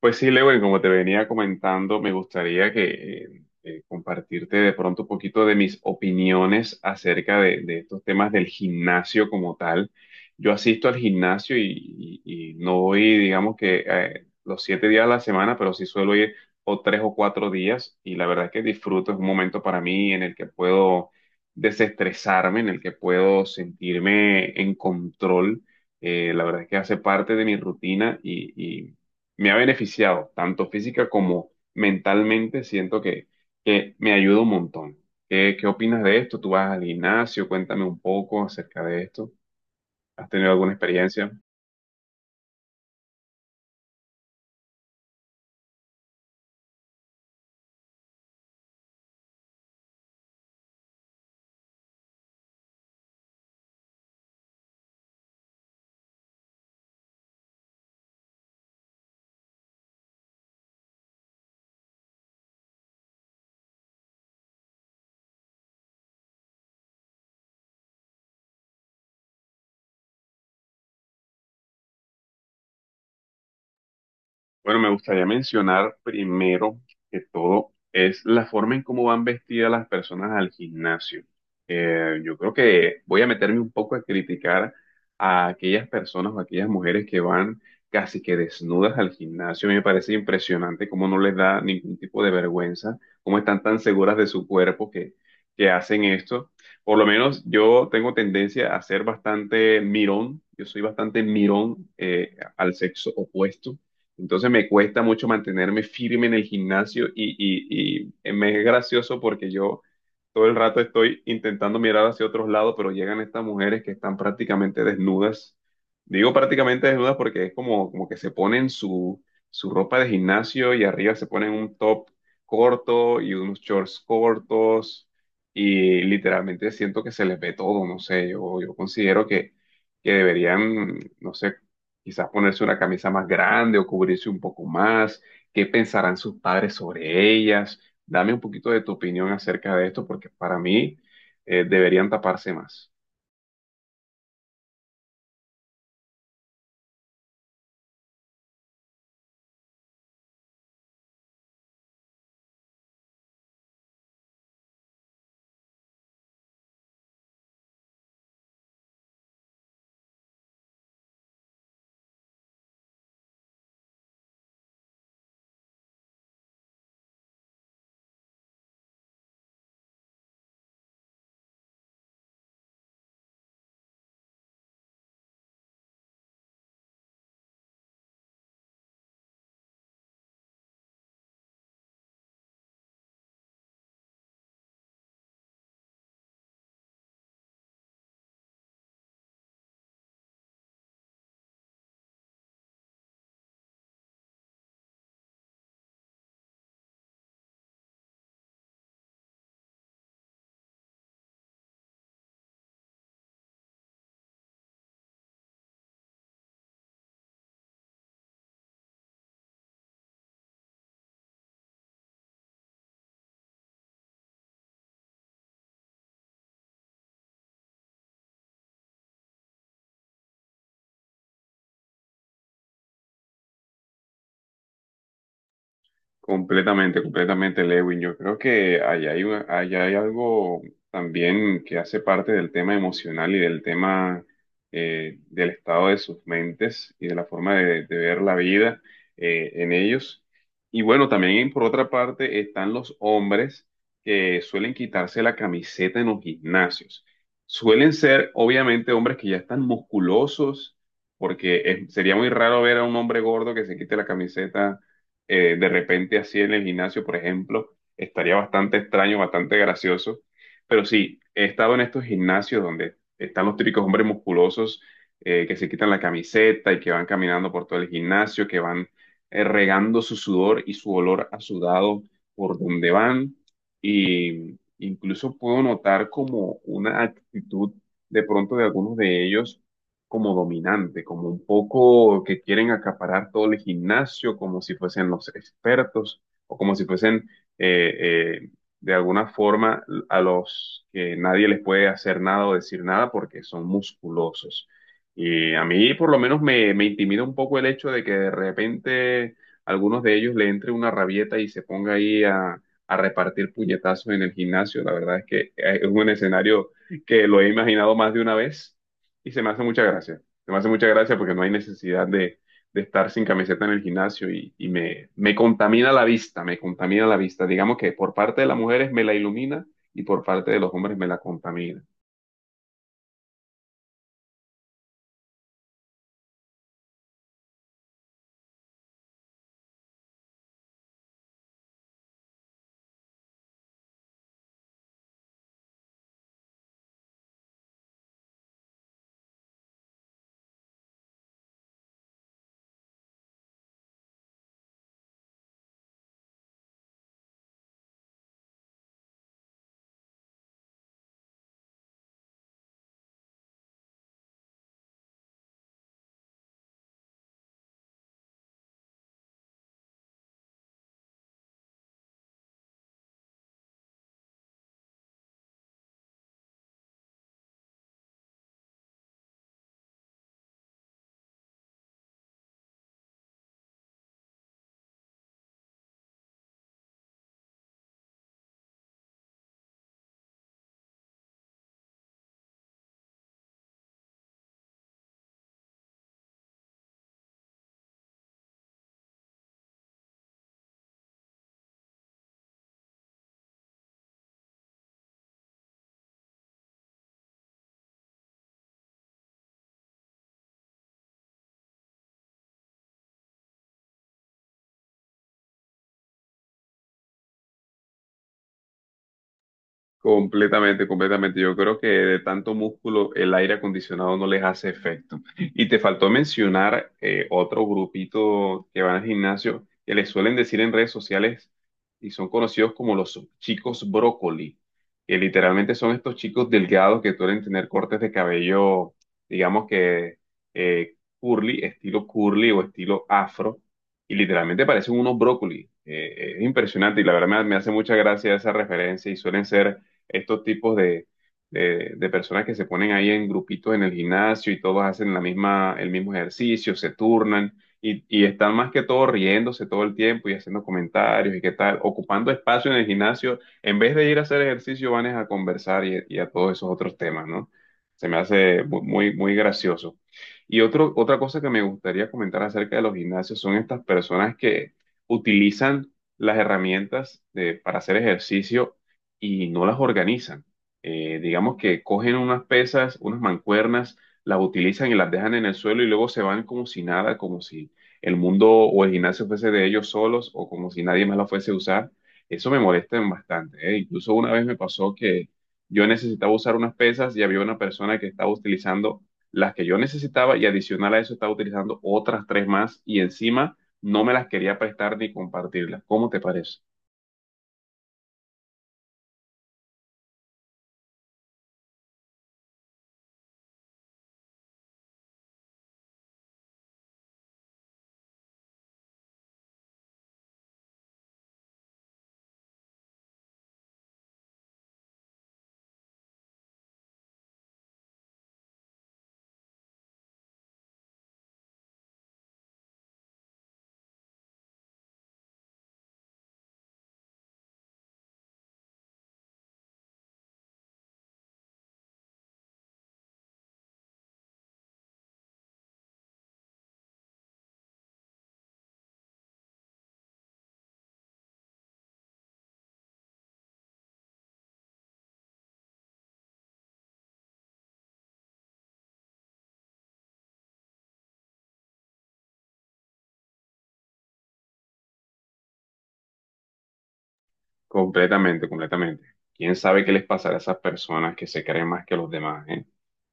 Pues sí, Lewin, como te venía comentando, me gustaría que compartirte de pronto un poquito de mis opiniones acerca de estos temas del gimnasio como tal. Yo asisto al gimnasio y no voy, digamos que los 7 días a la semana, pero sí suelo ir o 3 o 4 días y la verdad es que disfruto, es un momento para mí en el que puedo desestresarme, en el que puedo sentirme en control. La verdad es que hace parte de mi rutina y me ha beneficiado, tanto física como mentalmente, siento que me ayuda un montón. Qué opinas de esto? ¿Tú vas al gimnasio? Cuéntame un poco acerca de esto. ¿Has tenido alguna experiencia? Bueno, me gustaría mencionar primero que todo es la forma en cómo van vestidas las personas al gimnasio. Yo creo que voy a meterme un poco a criticar a aquellas personas o aquellas mujeres que van casi que desnudas al gimnasio. Me parece impresionante cómo no les da ningún tipo de vergüenza, cómo están tan seguras de su cuerpo que hacen esto. Por lo menos yo tengo tendencia a ser bastante mirón. Yo soy bastante mirón al sexo opuesto. Entonces me cuesta mucho mantenerme firme en el gimnasio y me es gracioso porque yo todo el rato estoy intentando mirar hacia otros lados, pero llegan estas mujeres que están prácticamente desnudas. Digo prácticamente desnudas porque es como que se ponen su ropa de gimnasio y arriba se ponen un top corto y unos shorts cortos y literalmente siento que se les ve todo, no sé, yo considero que deberían, no sé, quizás ponerse una camisa más grande o cubrirse un poco más. ¿Qué pensarán sus padres sobre ellas? Dame un poquito de tu opinión acerca de esto, porque para mí deberían taparse más. Completamente, completamente, Lewin. Yo creo que allá hay algo también que hace parte del tema emocional y del tema del estado de sus mentes y de la forma de ver la vida en ellos. Y bueno, también por otra parte están los hombres que suelen quitarse la camiseta en los gimnasios. Suelen ser, obviamente, hombres que ya están musculosos, porque sería muy raro ver a un hombre gordo que se quite la camiseta de repente así en el gimnasio, por ejemplo, estaría bastante extraño, bastante gracioso. Pero sí, he estado en estos gimnasios donde están los típicos hombres musculosos que se quitan la camiseta y que van caminando por todo el gimnasio, que van regando su sudor y su olor a sudado por donde van. Y incluso puedo notar como una actitud de pronto de algunos de ellos como dominante, como un poco que quieren acaparar todo el gimnasio, como si fuesen los expertos o como si fuesen eh, eh, de alguna forma a los que nadie les puede hacer nada o decir nada porque son musculosos. Y a mí por lo menos me intimida un poco el hecho de que de repente algunos de ellos le entre una rabieta y se ponga ahí a repartir puñetazos en el gimnasio. La verdad es que es un escenario que lo he imaginado más de una vez y se me hace mucha gracia. Se me hace mucha gracia porque no hay necesidad de estar sin camiseta en el gimnasio y me contamina la vista, me contamina la vista. Digamos que por parte de las mujeres me la ilumina y por parte de los hombres me la contamina. Completamente, completamente. Yo creo que de tanto músculo el aire acondicionado no les hace efecto. Y te faltó mencionar otro grupito que van al gimnasio que les suelen decir en redes sociales y son conocidos como los chicos brócoli, que literalmente son estos chicos delgados que suelen tener cortes de cabello, digamos que curly, estilo curly o estilo afro, y literalmente parecen unos brócoli. Es impresionante y la verdad me hace mucha gracia esa referencia y suelen ser estos tipos de personas que se ponen ahí en grupitos en el gimnasio y todos hacen la misma, el mismo ejercicio, se turnan y están más que todo riéndose todo el tiempo y haciendo comentarios y qué tal, ocupando espacio en el gimnasio. En vez de ir a hacer ejercicio, van es a conversar y a todos esos otros temas, ¿no? Se me hace muy, muy gracioso. Y otra cosa que me gustaría comentar acerca de los gimnasios son estas personas que utilizan las herramientas para hacer ejercicio y no las organizan. Digamos que cogen unas pesas, unas mancuernas, las utilizan y las dejan en el suelo y luego se van como si nada, como si el mundo o el gimnasio fuese de ellos solos o como si nadie más la fuese a usar. Eso me molesta bastante, ¿eh? Incluso una vez me pasó que yo necesitaba usar unas pesas y había una persona que estaba utilizando las que yo necesitaba y adicional a eso estaba utilizando otras tres más y encima no me las quería prestar ni compartirlas. ¿Cómo te parece? Completamente, completamente. ¿Quién sabe qué les pasará a esas personas que se creen más que los demás, eh?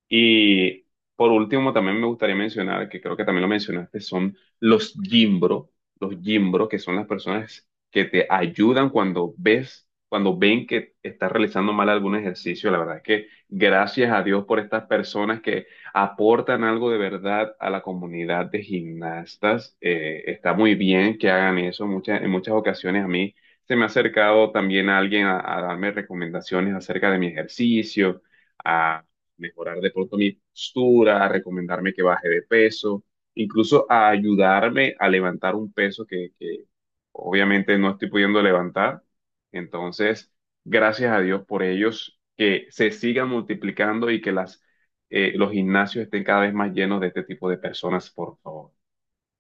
Y por último, también me gustaría mencionar, que creo que también lo mencionaste, son los gimbro, que son las personas que te ayudan cuando ves, cuando ven que estás realizando mal algún ejercicio. La verdad es que gracias a Dios por estas personas que aportan algo de verdad a la comunidad de gimnastas. Está muy bien que hagan eso. Muchas, en muchas ocasiones a mí se me ha acercado también alguien a darme recomendaciones acerca de mi ejercicio, mejorar de pronto mi postura, a recomendarme que baje de peso, incluso a ayudarme a levantar un peso que obviamente no estoy pudiendo levantar. Entonces, gracias a Dios por ellos, que se sigan multiplicando y que los gimnasios estén cada vez más llenos de este tipo de personas, por favor.